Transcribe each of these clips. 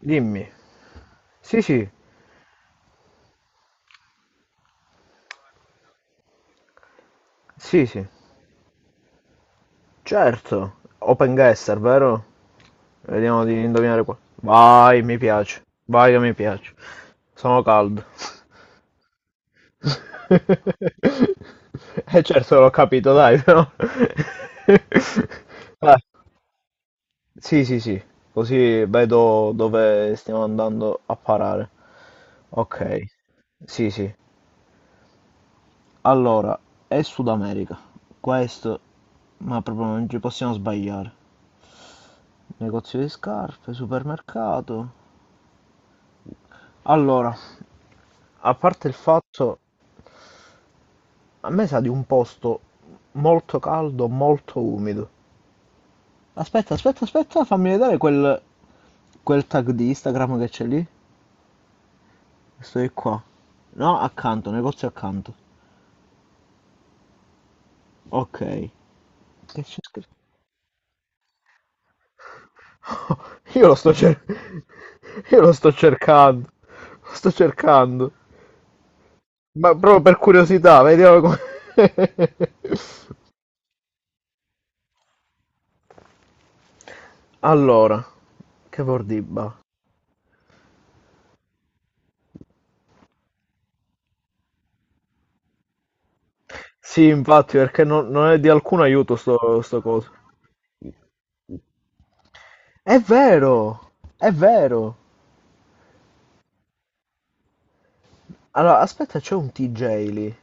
Dimmi. Sì, sì, sì, sì, certo. Open guesser, vero? Vediamo di indovinare qua. Vai, mi piace. Vai che mi piace. Sono caldo. Eh certo, l'ho capito, dai, però. Ah, sì, sì, sì. Così vedo dove stiamo andando a parare. Ok, sì, sì. Allora, è Sud America. Questo, ma proprio non ci possiamo sbagliare. Negozio di scarpe, supermercato. Allora, a parte il fatto, a me sa di un posto molto caldo, molto umido. Aspetta, aspetta, aspetta, fammi vedere quel tag di Instagram che c'è lì. Questo è qua. No, accanto, negozio accanto. Ok. Che c'è scritto? Io lo sto cer- io lo sto cercando, lo sto cercando. Ma proprio per curiosità, vediamo come... Allora, che bordiba. Sì, infatti, perché non è di alcun aiuto sto coso. È vero, è vero. Allora, aspetta, c'è un TJ lì.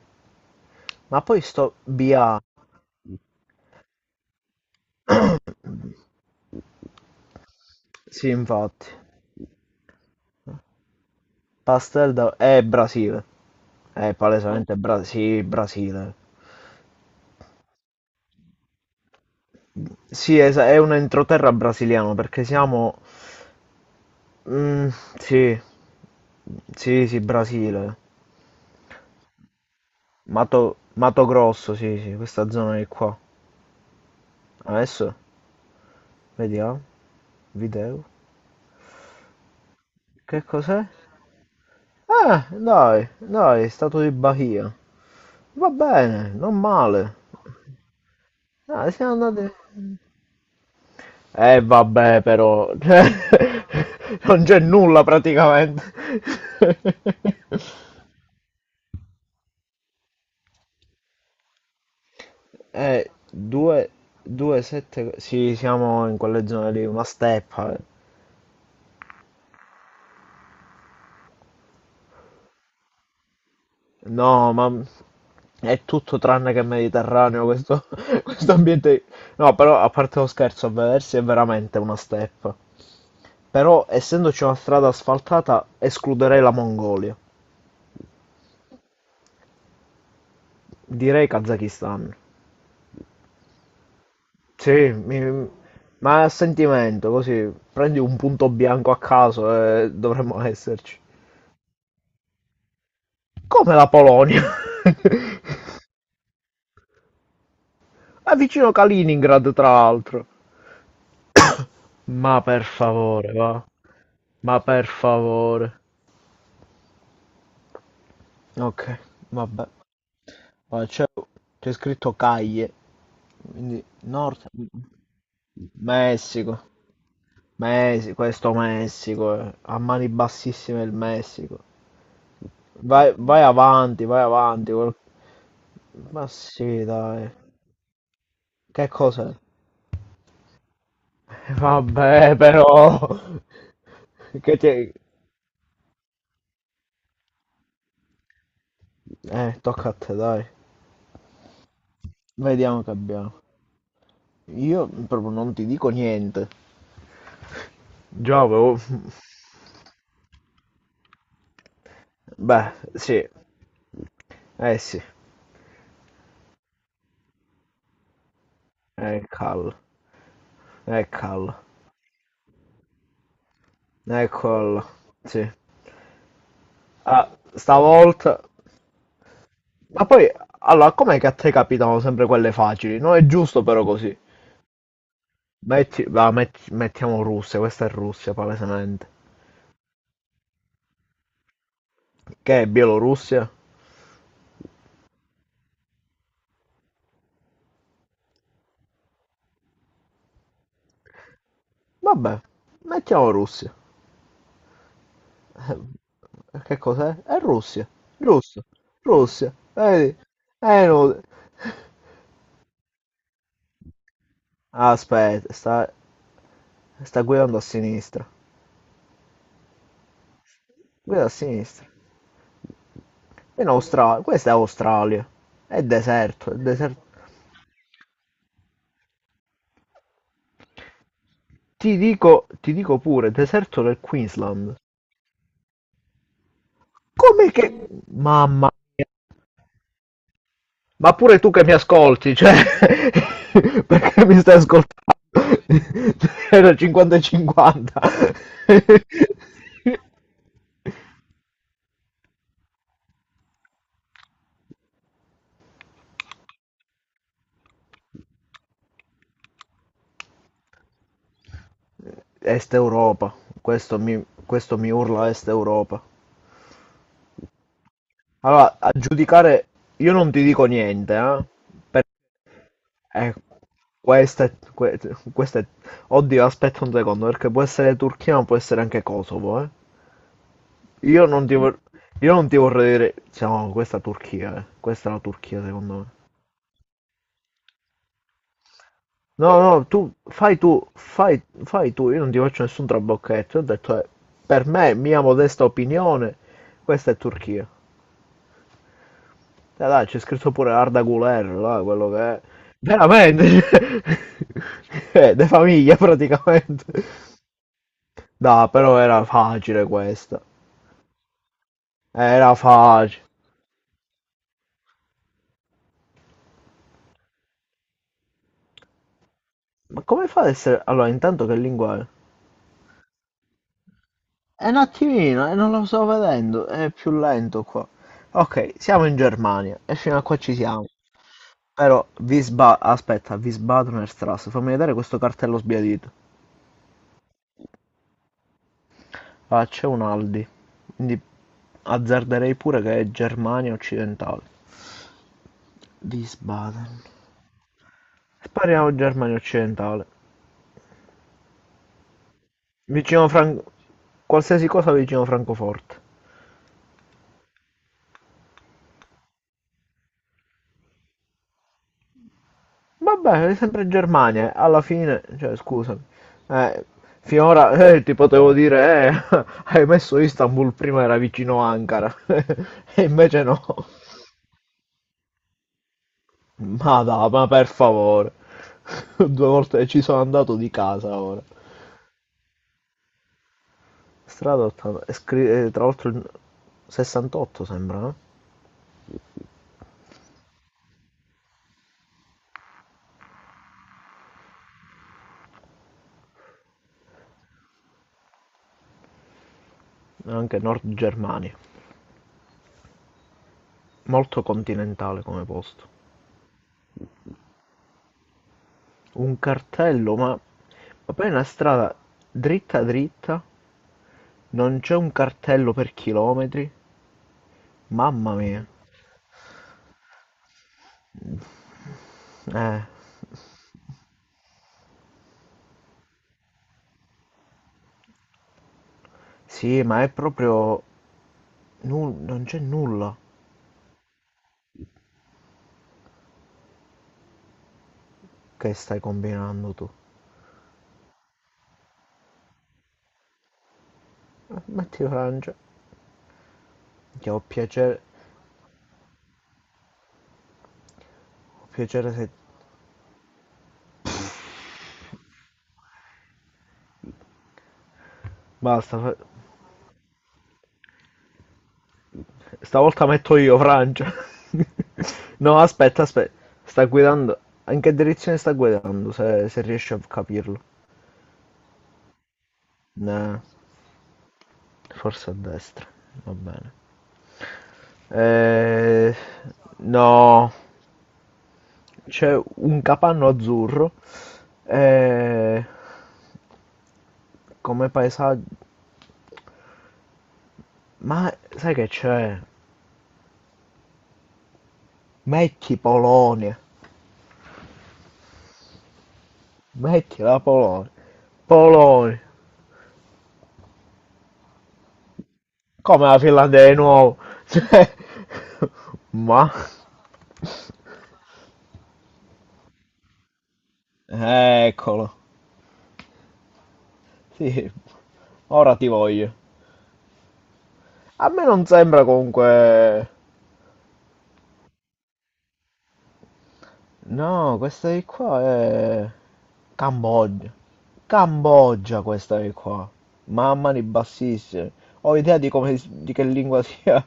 Ma poi sto BA. Sì, infatti. Pastel da... È Brasile. È palesemente sì, Brasile. Sì, è un entroterra brasiliano perché siamo... Mm, sì, sì, sì, Brasile. Mato, Mato Grosso, sì, sì, questa zona di qua. Adesso, vediamo, video. Che cos'è? Dai, dai, Stato di Bahia. Va bene, non male. Ah, siamo andati... Eh vabbè però, non c'è nulla praticamente. 2, 2, 7, sì siamo in quelle zone lì, una steppa. Eh. No, ma è tutto tranne che mediterraneo questo, questo ambiente. No, però a parte lo scherzo, a vedersi è veramente una steppa. Però essendoci una strada asfaltata escluderei la Mongolia, direi Kazakistan. Sì, ma a sentimento, così prendi un punto bianco a caso e dovremmo esserci. Come la Polonia? È vicino Kaliningrad, tra l'altro. Ma per favore, va. Ma per favore. Ok, vabbè. Ma c'è scritto Caglie, quindi Nord Messico. Messico, questo Messico, eh. A mani bassissime il Messico. Vai, vai avanti, vai avanti. Ma sì, dai. Che cosa? Vabbè, però. Che ti... tocca a te, dai. Vediamo che abbiamo. Io proprio non ti dico niente. Già avevo. Beh, sì. Eh sì. Eccolo. Eccolo. Eccolo. Sì. Ah, stavolta... Ma poi, allora, com'è che a te capitano sempre quelle facili? Non è giusto però così. Metti... va, Mettiamo Russia, questa è Russia, palesemente. Che è Bielorussia? Vabbè, mettiamo Russia. Che cos'è? È Russia. Russia. Russia. Vedi? È inutile. Aspetta, sta guidando a sinistra. Guida a sinistra. In Australia. Questa è Australia. È deserto, è deserto. Ti dico pure, deserto del Queensland. Come che... Mamma mia. Ma pure tu che mi ascolti, cioè... Perché mi stai ascoltando? Era 50 e 50. Est Europa, questo mi urla Est Europa. Allora, a giudicare, io non ti dico niente, per- eh, questa è, que- questa è- oddio, aspetta un secondo, perché può essere Turchia, ma può essere anche Kosovo, eh. Io non ti, vor- io non ti vorrei dire. Cioè, no, questa è Turchia, questa è la Turchia, secondo me. No, no, fai tu, io non ti faccio nessun trabocchetto. Io ho detto, per me, mia modesta opinione, questa è Turchia. Dai, dai, c'è scritto pure Arda Guler, là, quello che è. Veramente, cioè, de famiglia praticamente. No, però era facile questa. Era facile. Ma come fa ad essere... Allora, intanto che lingua è? È un attimino, e non lo sto vedendo, è più lento qua. Ok, siamo in Germania e fino a qua ci siamo. Aspetta, Wiesbadener Straße, fammi vedere questo cartello sbiadito. Ah, c'è un Aldi, quindi azzarderei pure che è Germania occidentale. Wiesbaden. Spariamo Germania occidentale. Vicino Fran- qualsiasi cosa vicino Francoforte. Vabbè, è sempre Germania. Eh. Alla fine, cioè, scusami. Eh, finora ti potevo dire, hai messo Istanbul prima, era vicino Ankara. E invece no. Ma dai, ma per favore. Due volte ci sono andato di casa ora. Strada 80. Tra l'altro il 68 sembra, no? Anche Nord Germania. Molto continentale come posto. Un cartello, ma poi è una strada dritta dritta, non c'è un cartello per chilometri. Mamma mia. Eh, sì, ma è proprio... non c'è nulla che stai combinando tu. Metti Francia. Che ho piacere... ho piacere se... Basta, stavolta metto io Francia. No, aspetta, aspetta. Sta guidando... In che direzione sta guidando, se riesci a capirlo? Nah, forse a destra. Va bene. Eh, no, c'è un capanno azzurro e come paesaggio... Ma sai che c'è? Metti Polonia, metti la Polonia, Polonia, come la Finlandia di nuovo. Cioè, ma... Eccolo, sì, ora ti voglio. A me non sembra comunque... No, questa di qua è Cambogia. Cambogia questa è qua. Mamma mia, bassissimi. Ho idea di come di che lingua sia,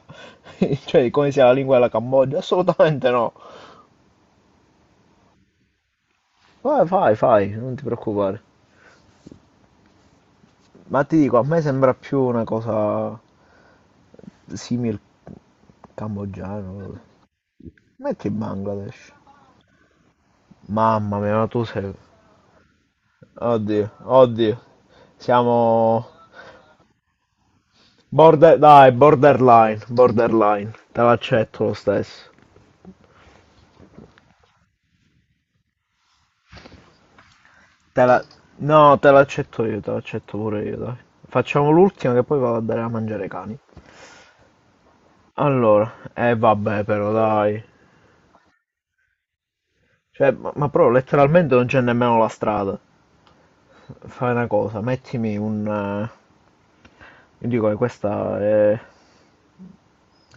cioè di come sia la lingua della Cambogia? Assolutamente no. Vai, fai, fai, non ti preoccupare. Ma ti dico, a me sembra più una cosa simil cambogiano. Metti Bangladesh. Mamma mia, ma tu sei. Oddio, oddio. Siamo border, dai, borderline, borderline. Te l'accetto lo stesso. Te la... No, te l'accetto io, te l'accetto pure io, dai. Facciamo l'ultima che poi vado a dare a mangiare ai cani. Allora, eh vabbè però dai. Cioè, ma però letteralmente non c'è nemmeno la strada. Fai una cosa, mettimi un... io dico che questa è...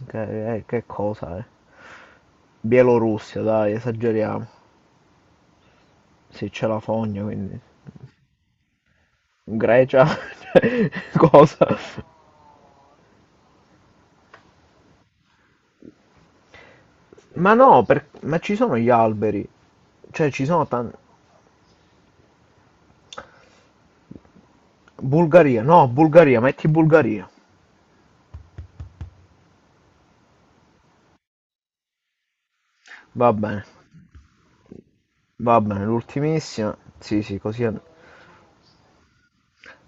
Che cosa è? Bielorussia, dai, esageriamo. Sì, c'è la fogna, quindi... Grecia? Cioè, cosa? Ma no, ma ci sono gli alberi. Cioè, ci sono tanti... Bulgaria, no, Bulgaria, metti Bulgaria. Va bene, va bene, l'ultimissima. Sì, sì, così. È-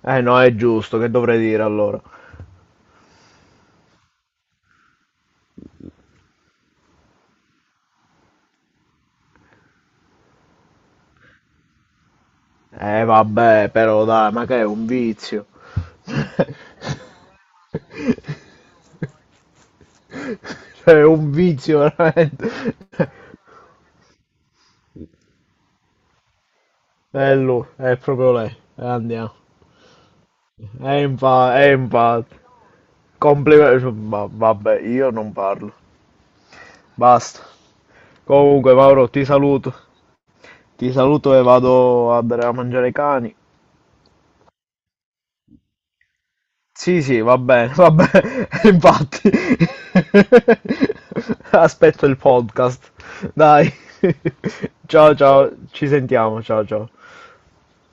Eh no, è giusto, che dovrei dire allora? Eh vabbè, però dai, ma che è un vizio. Cioè, è un vizio veramente. È lui, è proprio lei. Andiamo. È infatti, è infatti. Complimenti. Vabbè, io non parlo. Basta. Comunque, Mauro, ti saluto. Ti saluto e vado a dare a mangiare ai cani. Sì, sì, va bene, infatti. Aspetto il podcast. Dai. Ciao, ciao, ci sentiamo, ciao, ciao.